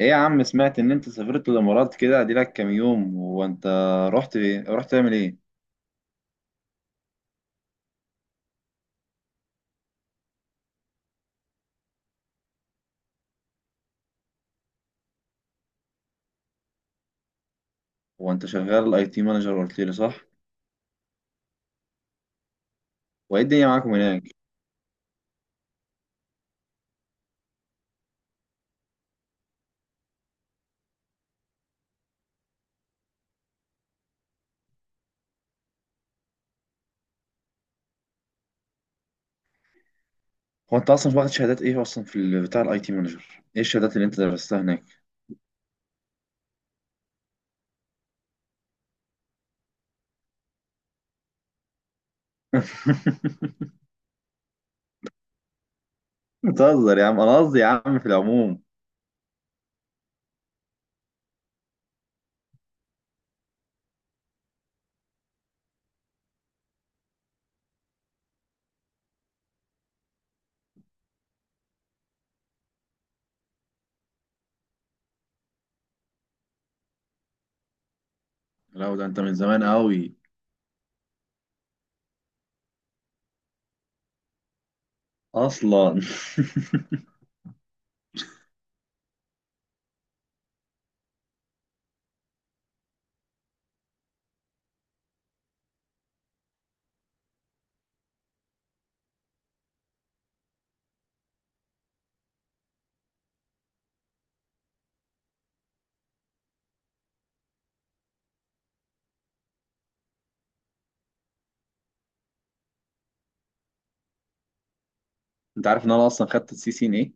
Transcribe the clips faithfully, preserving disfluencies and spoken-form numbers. ايه يا عم، سمعت ان انت سافرت الامارات، كده ادي لك كام يوم؟ هو انت رحت ايه رحت تعمل ايه؟ هو انت شغال اي تي مانجر، قلت لي صح؟ وايه الدنيا معاكم هناك؟ هو انت اصلا واخد شهادات ايه اصلا في ال- بتاع الاي تي مانجر؟ ايه الشهادات اللي انت درستها هناك؟ بتهزر يا عم، انا قصدي يا عم في العموم. لو ده انت من زمان قوي اصلا. انت عارف ان انا اصلا خدت السي سي ان ايه؟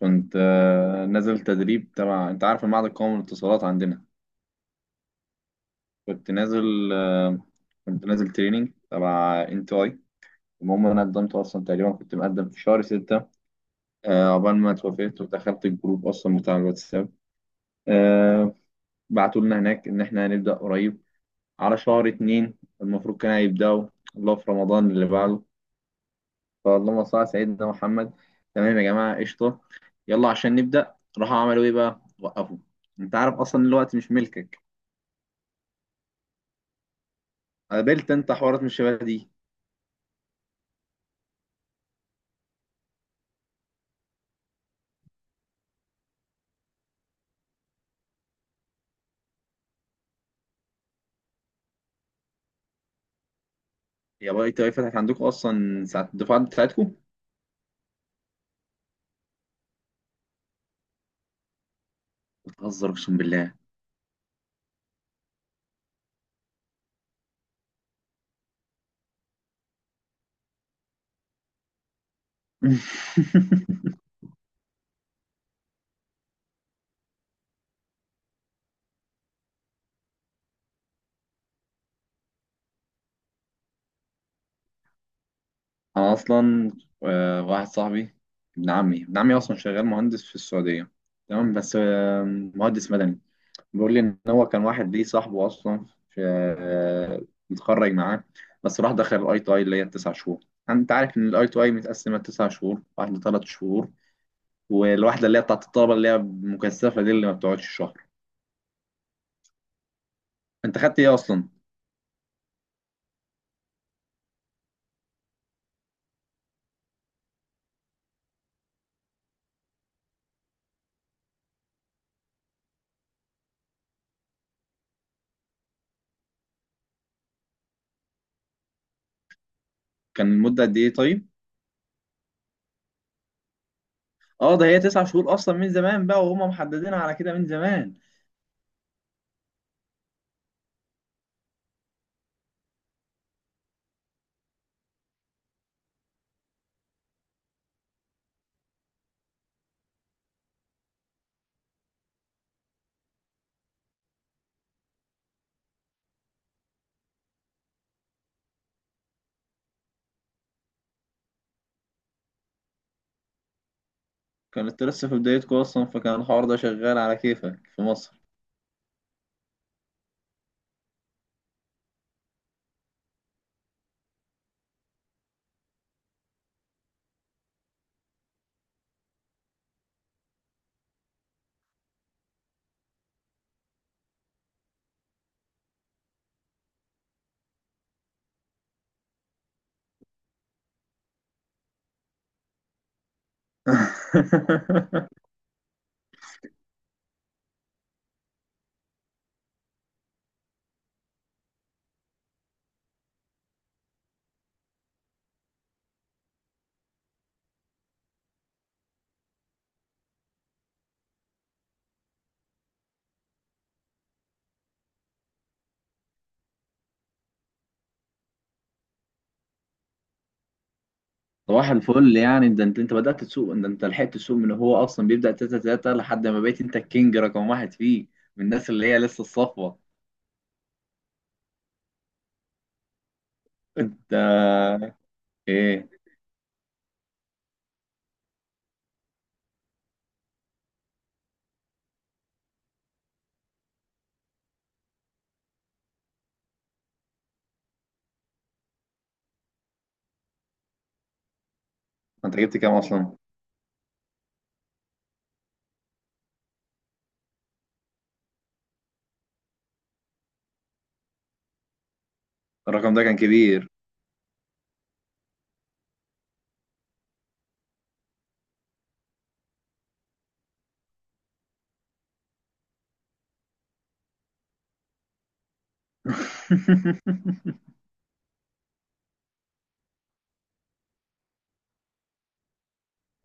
كنت آه، نازل تدريب تبع، انت عارف المعهد القومي للاتصالات عندنا؟ كنت نازل آه، كنت نازل تريننج تبع انت اي. المهم، انا قدمت اصلا، تقريبا كنت مقدم في شهر ستة. آه، عقبال ما اتوافقت ودخلت الجروب اصلا بتاع الواتساب. آه، بعتوا لنا هناك ان احنا هنبدا قريب على شهر اتنين. المفروض كان هيبداوا، الله، في رمضان اللي بعده، فاللهم صل على سيدنا محمد. تمام يا جماعه قشطه، يلا عشان نبدا. راحوا عملوا ايه بقى؟ وقفوا. انت عارف اصلا الوقت مش ملكك. قابلت انت حوارات من الشباب دي؟ يا باي تي اي، فتحت عندكم اصلا ساعة الدفعة بتاعتكم؟ بتهزر اقسم بالله. انا اصلا آه، واحد صاحبي، ابن عمي ابن عمي اصلا شغال مهندس في السعودية. تمام، بس آه، مهندس مدني. بيقول لي ان هو كان واحد ليه صاحبه اصلا في، آه، متخرج معاه. بس راح دخل الاي تو اي اللي هي التسع شهور. انت عارف ان الاي تو اي متقسمة تسع شهور واحدة، ثلاث شهور والواحدة اللي هي بتاعت الطلبة اللي هي مكثفة دي اللي ما بتقعدش شهر. انت خدت ايه اصلا؟ كان المدة قد ايه طيب؟ اه ده هي تسع شهور اصلا من زمان بقى، وهم محددينها على كده من زمان. كانت لسه في بدايتكم اصلا فكان الحوار ده شغال على كيفك في مصر. صباح الفل. يعني ده انت انت بدأت تسوق، ده انت لحقت تسوق من هو اصلا بيبدأ تلاتة تلاتة، لحد ما بقيت انت الكينج رقم واحد فيه من الناس اللي هي لسه الصفوة. انت ايه انت جبت كام اصلا؟ الرقم ده كان كبير.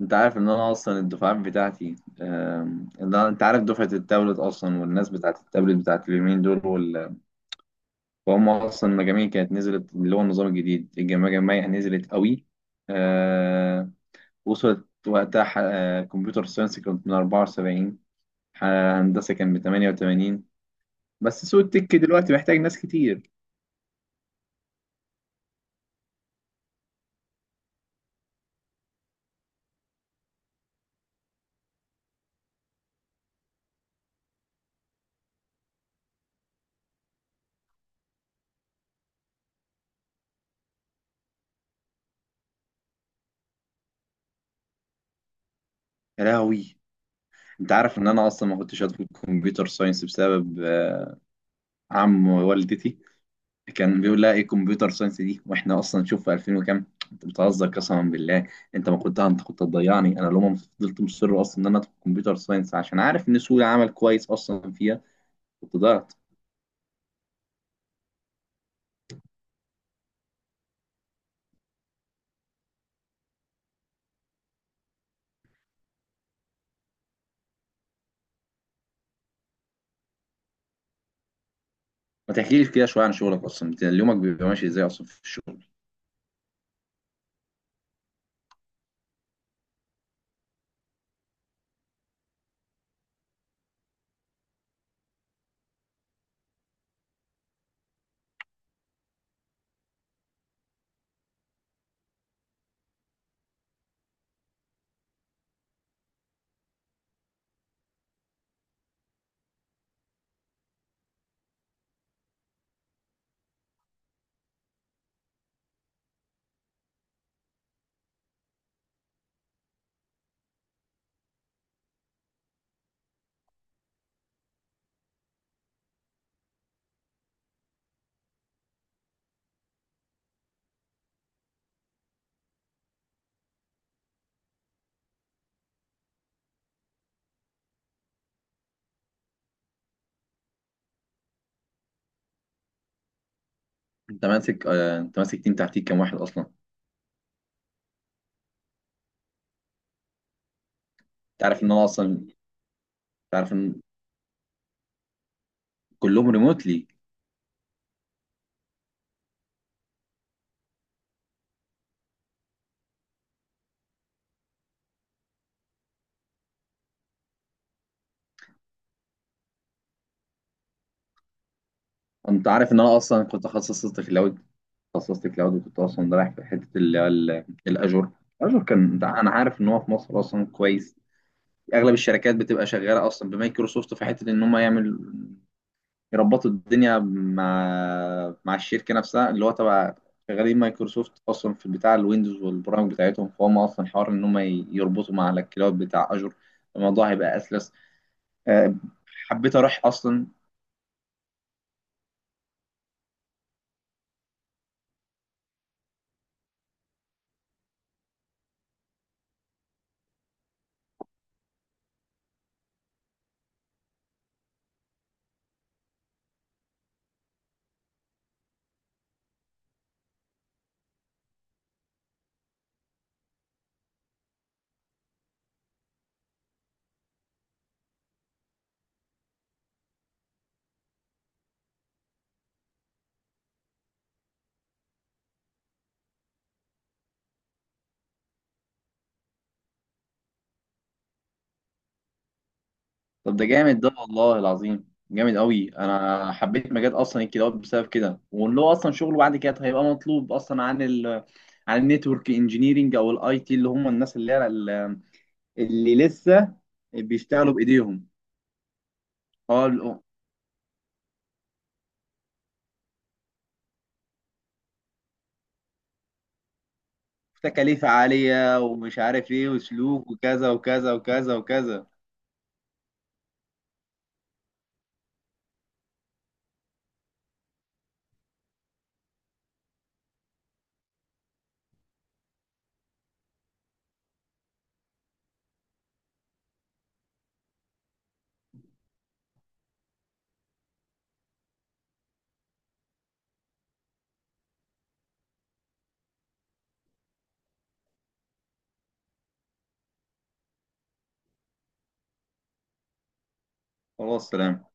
انت عارف ان انا اصلا الدفعات بتاعتي، آم، ان أنا- انت عارف دفعه التابلت اصلا والناس بتاعت التابلت بتاعت اليومين دول وال... وهم اصلا المجاميع كانت نزلت، اللي هو النظام الجديد المجاميع نزلت قوي. آه، وصلت وقتها، ح- آه، كمبيوتر ساينس كانت من اربعة وسبعين، ح- هندسه كان ب تمانية وتمانين. بس سوق التك دلوقتي محتاج ناس كتير. يا لهوي، انت عارف ان انا اصلا ما كنتش هدخل كمبيوتر ساينس بسبب آه، عم والدتي، كان بيقول لها ايه كمبيوتر ساينس دي، واحنا اصلا شوف في ألفين وكام وكام. انت بتهزر قسما بالله. انت ما كنت انت كنت هتضيعني، انا لو ما فضلت مصر اصلا ان انا ادخل كمبيوتر ساينس عشان عارف ان سوق العمل كويس اصلا فيها. كنت ضيعت. ما تحكيلي كده شويه عن شغلك اصلا، انت يومك بيبقى ماشي ازاي اصلا في الشغل؟ انت ماسك آه انت ماسك تيم تحتيك كام واحد اصلا؟ انت عارف ان انا اصلا انت عارف ان كلهم ريموتلي. انت عارف ان انا اصلا كنت تخصصت كلاود تخصصت كلاود وكنت اصلا رايح في حته اللي هو ال- الاجور. الاجور كان، انت- انا عارف ان هو في مصر اصلا كويس. اغلب الشركات بتبقى شغاله اصلا بمايكروسوفت في حته ان هم يعمل يربطوا الدنيا مع مع الشركه نفسها اللي هو تبع شغالين مايكروسوفت اصلا في بتاع الويندوز والبرامج بتاعتهم. فهم اصلا حوار ان هم ي- يربطوا مع الكلاود بتاع اجور، الموضوع هيبقى اسلس. آه، حبيت اروح اصلا. طب ده جامد، ده والله العظيم جامد قوي، انا حبيت مجال اصلا الكلاود بسبب كده. وان هو اصلا شغله بعد كده طيب هيبقى مطلوب اصلا عن ال عن النتورك انجينيرنج او الاي تي اللي هم الناس اللي هي ال- اللي لسه بيشتغلوا بايديهم. اه ال- تكاليف عالية ومش عارف ايه، وسلوك وكذا وكذا وكذا وكذا. خلاص، سلام.